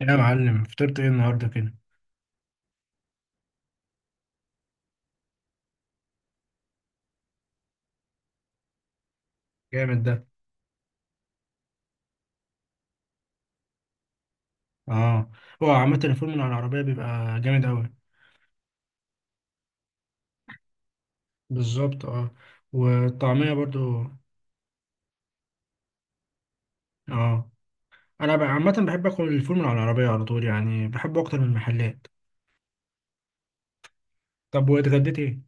يا معلم، فطرت ايه النهارده كده؟ جامد ده. اه. هو عامة الفول من على العربية بيبقى جامد أوي. بالظبط، اه. والطعمية برضو. اه. أنا بقى عامة بحب آكل الفول من على العربية على طول، يعني بحبه أكتر من المحلات. طب واتغديت ايه؟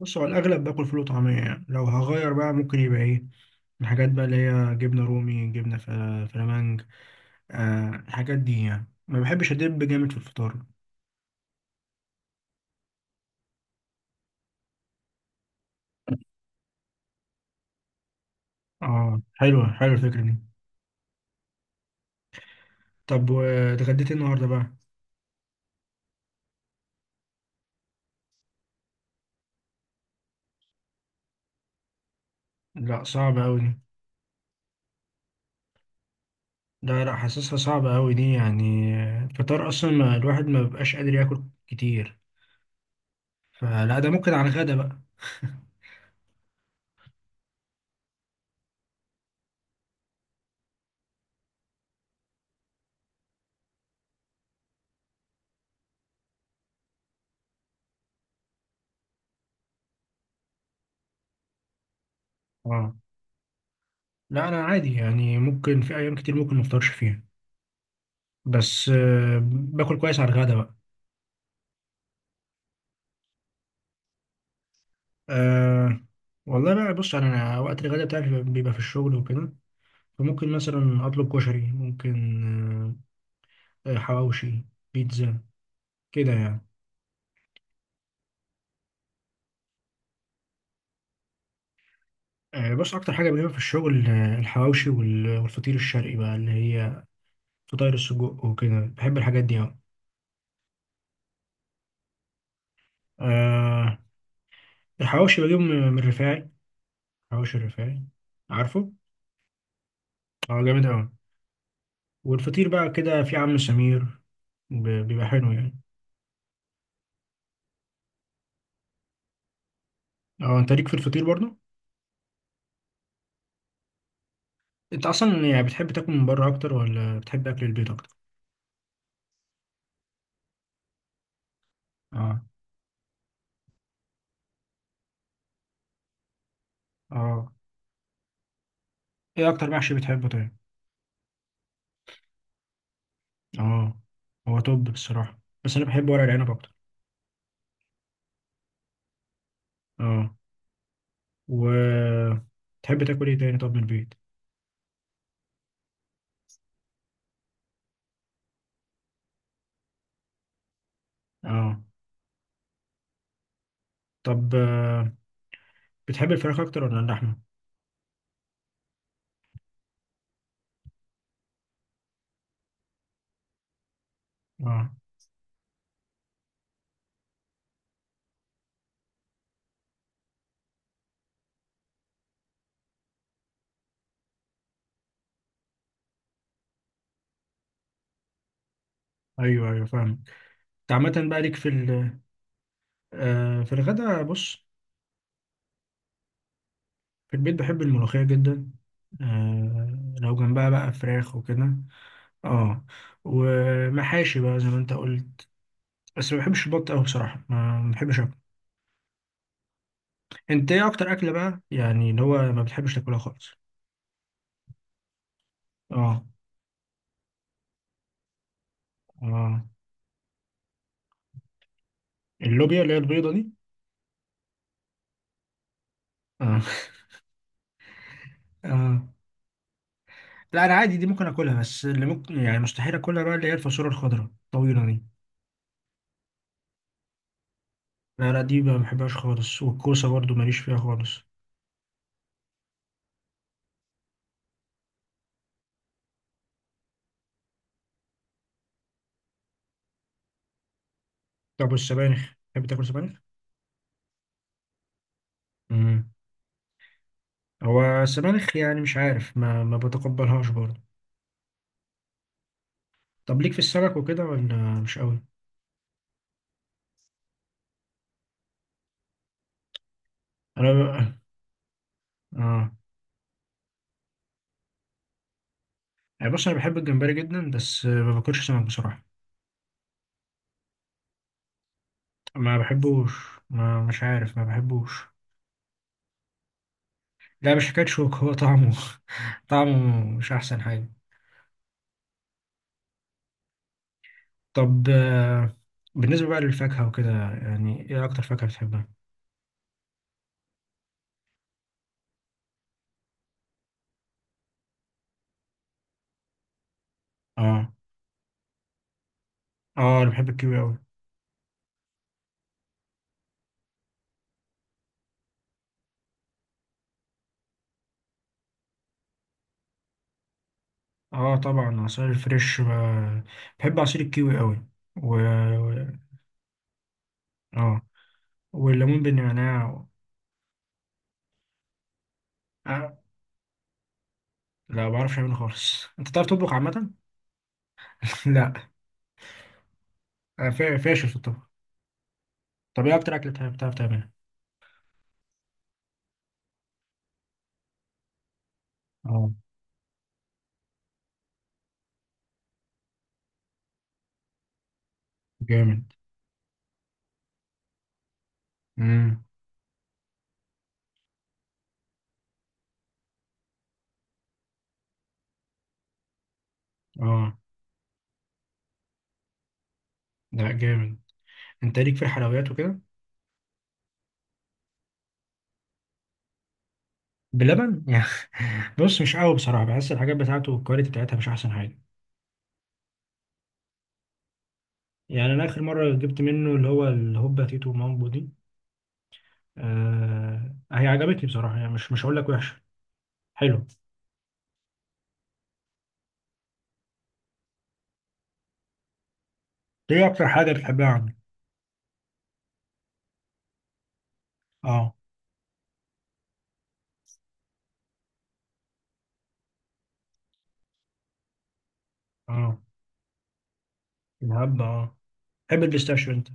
بص، هو الأغلب باكل فول وطعمية، يعني لو هغير بقى ممكن يبقى ايه؟ الحاجات بقى اللي هي جبنة رومي، جبنة فلامنج. الحاجات دي، يعني ما بحبش أدب جامد في الفطار. اه، حلوة حلوة الفكرة دي. طب واتغديت ايه النهارده بقى؟ لا، صعبة أوي دي. ده لا، حاسسها صعبة أوي دي يعني. الفطار أصلا ما الواحد ما بيبقاش قادر ياكل كتير، فلا ده ممكن على الغدا بقى. اه. لا، أنا عادي يعني، ممكن في أيام كتير ممكن ما أفطرش فيها، بس باكل كويس على الغدا بقى. أه، والله بقى بص، أنا وقت الغدا بتاعي بيبقى في الشغل وكده. فممكن مثلا أطلب كشري، ممكن حواوشي، بيتزا، كده يعني. آه، بص، أكتر حاجة بجيبها في الشغل الحواوشي والفطير الشرقي بقى، اللي هي فطاير السجق وكده. بحب الحاجات دي أوي. آه، الحواوشي بجيبه من الرفاعي. حواوشي الرفاعي. عارفه؟ اه، جامد أوي. والفطير بقى كده في عم سمير، بيبقى حلو يعني. اه، انت ليك في الفطير برضه؟ انت اصلا يعني بتحب تاكل من بره اكتر ولا بتحب اكل البيت اكتر؟ اه، اه. ايه اكتر محشي بتحبه طيب؟ اه، هو توب بصراحة، بس انا بحب ورق العنب اكتر. اه. و تحب تاكل ايه تاني طب من البيت؟ اه. طب، بتحب الفراخ اكتر ولا اللحمة؟ اه، ايوه ايوه فاهمك. انت عامة بقى ليك في في الغدا. بص، في البيت بحب الملوخية جدا، لو جنبها بقى فراخ وكده. اه، ومحاشي بقى زي ما انت قلت. بس ما بحبش البط قوي بصراحة، ما بحبش اكل. انت ايه اكتر اكلة بقى، يعني اللي هو ما بتحبش تاكلها خالص؟ اه، اه. اللوبيا اللي هي البيضة دي؟ اه. اه. لا، انا عادي، دي ممكن اكلها، بس اللي ممكن يعني مستحيل اكلها بقى اللي هي الفاصوليا الخضراء الطويلة دي. لا لا، دي ما بحبهاش خالص، والكوسة برضو ماليش فيها خالص. طب، والسبانخ تحب تاكل سبانخ؟ امم. هو السبانخ يعني مش عارف، ما بتقبلهاش برضه. طب، ليك في السمك وكده ولا؟ مش قوي. انا ب... اه، يعني بص، انا بحب الجمبري جدا بس ما باكلش سمك بصراحه. ما بحبوش. ما، مش عارف، ما بحبوش. لا، مش حكايه شوك، هو طعمه طعمه مش احسن حاجه. طب، بالنسبه بقى للفاكهه وكده، يعني ايه اكتر فاكهه بتحبها؟ اه. اه، انا بحب الكيوي قوي. اه، طبعا عصير الفريش، بحب عصير الكيوي قوي، و اه، والليمون بالنعناع. آه. لا، ما بعرفش اعمله خالص. انت بتعرف تطبخ عامة؟ لا، فاشل في الطبخ. طب ايه اكتر اكلة بتعرف تعملها؟ اه، جامد. امم. اه، لا جامد. انت ليك في الحلويات وكده؟ بلبن؟ يعني بص، مش قوي بصراحة، بحس الحاجات بتاعته والكواليتي بتاعتها مش احسن حاجة. يعني انا اخر مرة جبت منه اللي هو الهوبا تيتو مامبو دي. آه، هي عجبتني بصراحة يعني، مش هقول لك وحشة. حلو. ايه اكتر حاجه بتحبها عنه؟ اه. اه، الهبه، اه. بتحب البيستاشيو انت؟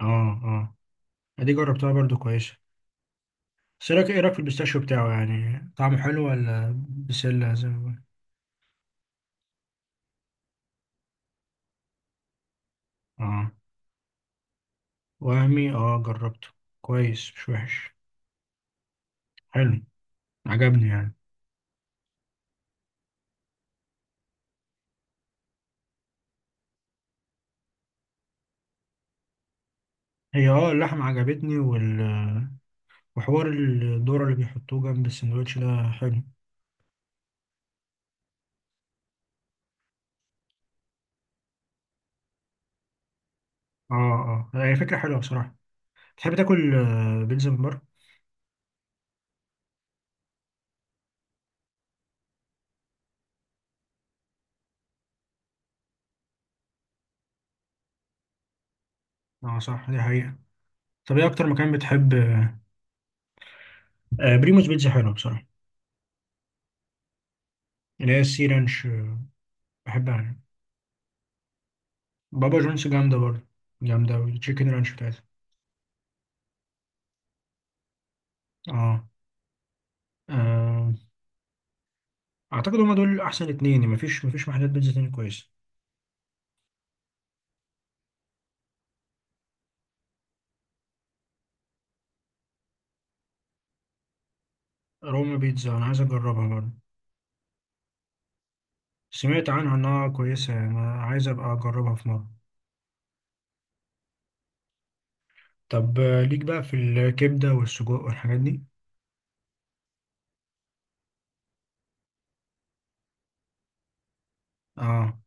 اه، اه. دي جربتها برضو كويسه. بس إيه رايك في البيستاشيو بتاعه؟ يعني طعمه حلو ولا؟ بسله زي ما بقول. اه، وهمي، اه جربته. كويس مش وحش. حلو. عجبني يعني. هي، اه، اللحمه عجبتني وحوار الذره اللي بيحطوه جنب السندوتش ده حلو. اه، اه. هي فكره حلوه بصراحه. تحب تاكل بيتزا من بره؟ اه صح، دي حقيقه. طب ايه اكتر مكان بتحب؟ بريموس بيتزا حلوة بصراحة، اللي هي السي رانش بحبها يعني. بابا جونز جامدة برضه، جامدة والتشيكن رانش بتاعتها. اه، آه، أعتقد هما دول أحسن اتنين، يعني مفيش محلات بيتزا تاني كويسة. روما بيتزا أنا عايز أجربها برضه. سمعت عنها إنها كويسة، يعني أنا عايز أبقى أجربها في مرة. طب، ليك بقى في الكبدة والسجق والحاجات دي؟ اه،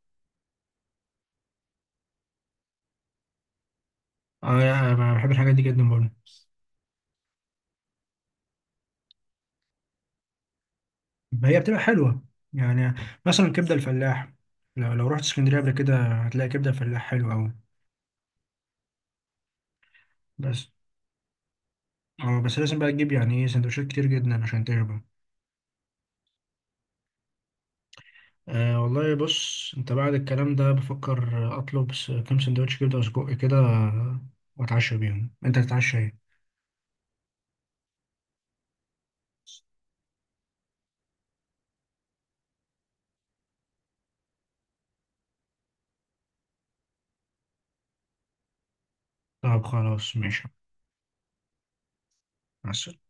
اه. يعني أنا بحب الحاجات دي جدا برضه، هي بتبقى حلوة يعني. مثلا كبدة الفلاح، لو رحت اسكندرية قبل كده هتلاقي كبدة الفلاح حلوة أوي. بس اه بس لازم بقى تجيب يعني ايه، سندوتشات كتير جدا عشان تشبع. آه، والله بص، انت بعد الكلام ده بفكر اطلب كام سندوتش كبده وسجق كده، واتعشى بيهم. انت تتعشى ايه؟ طب خلاص، ماشي. مع السلامة.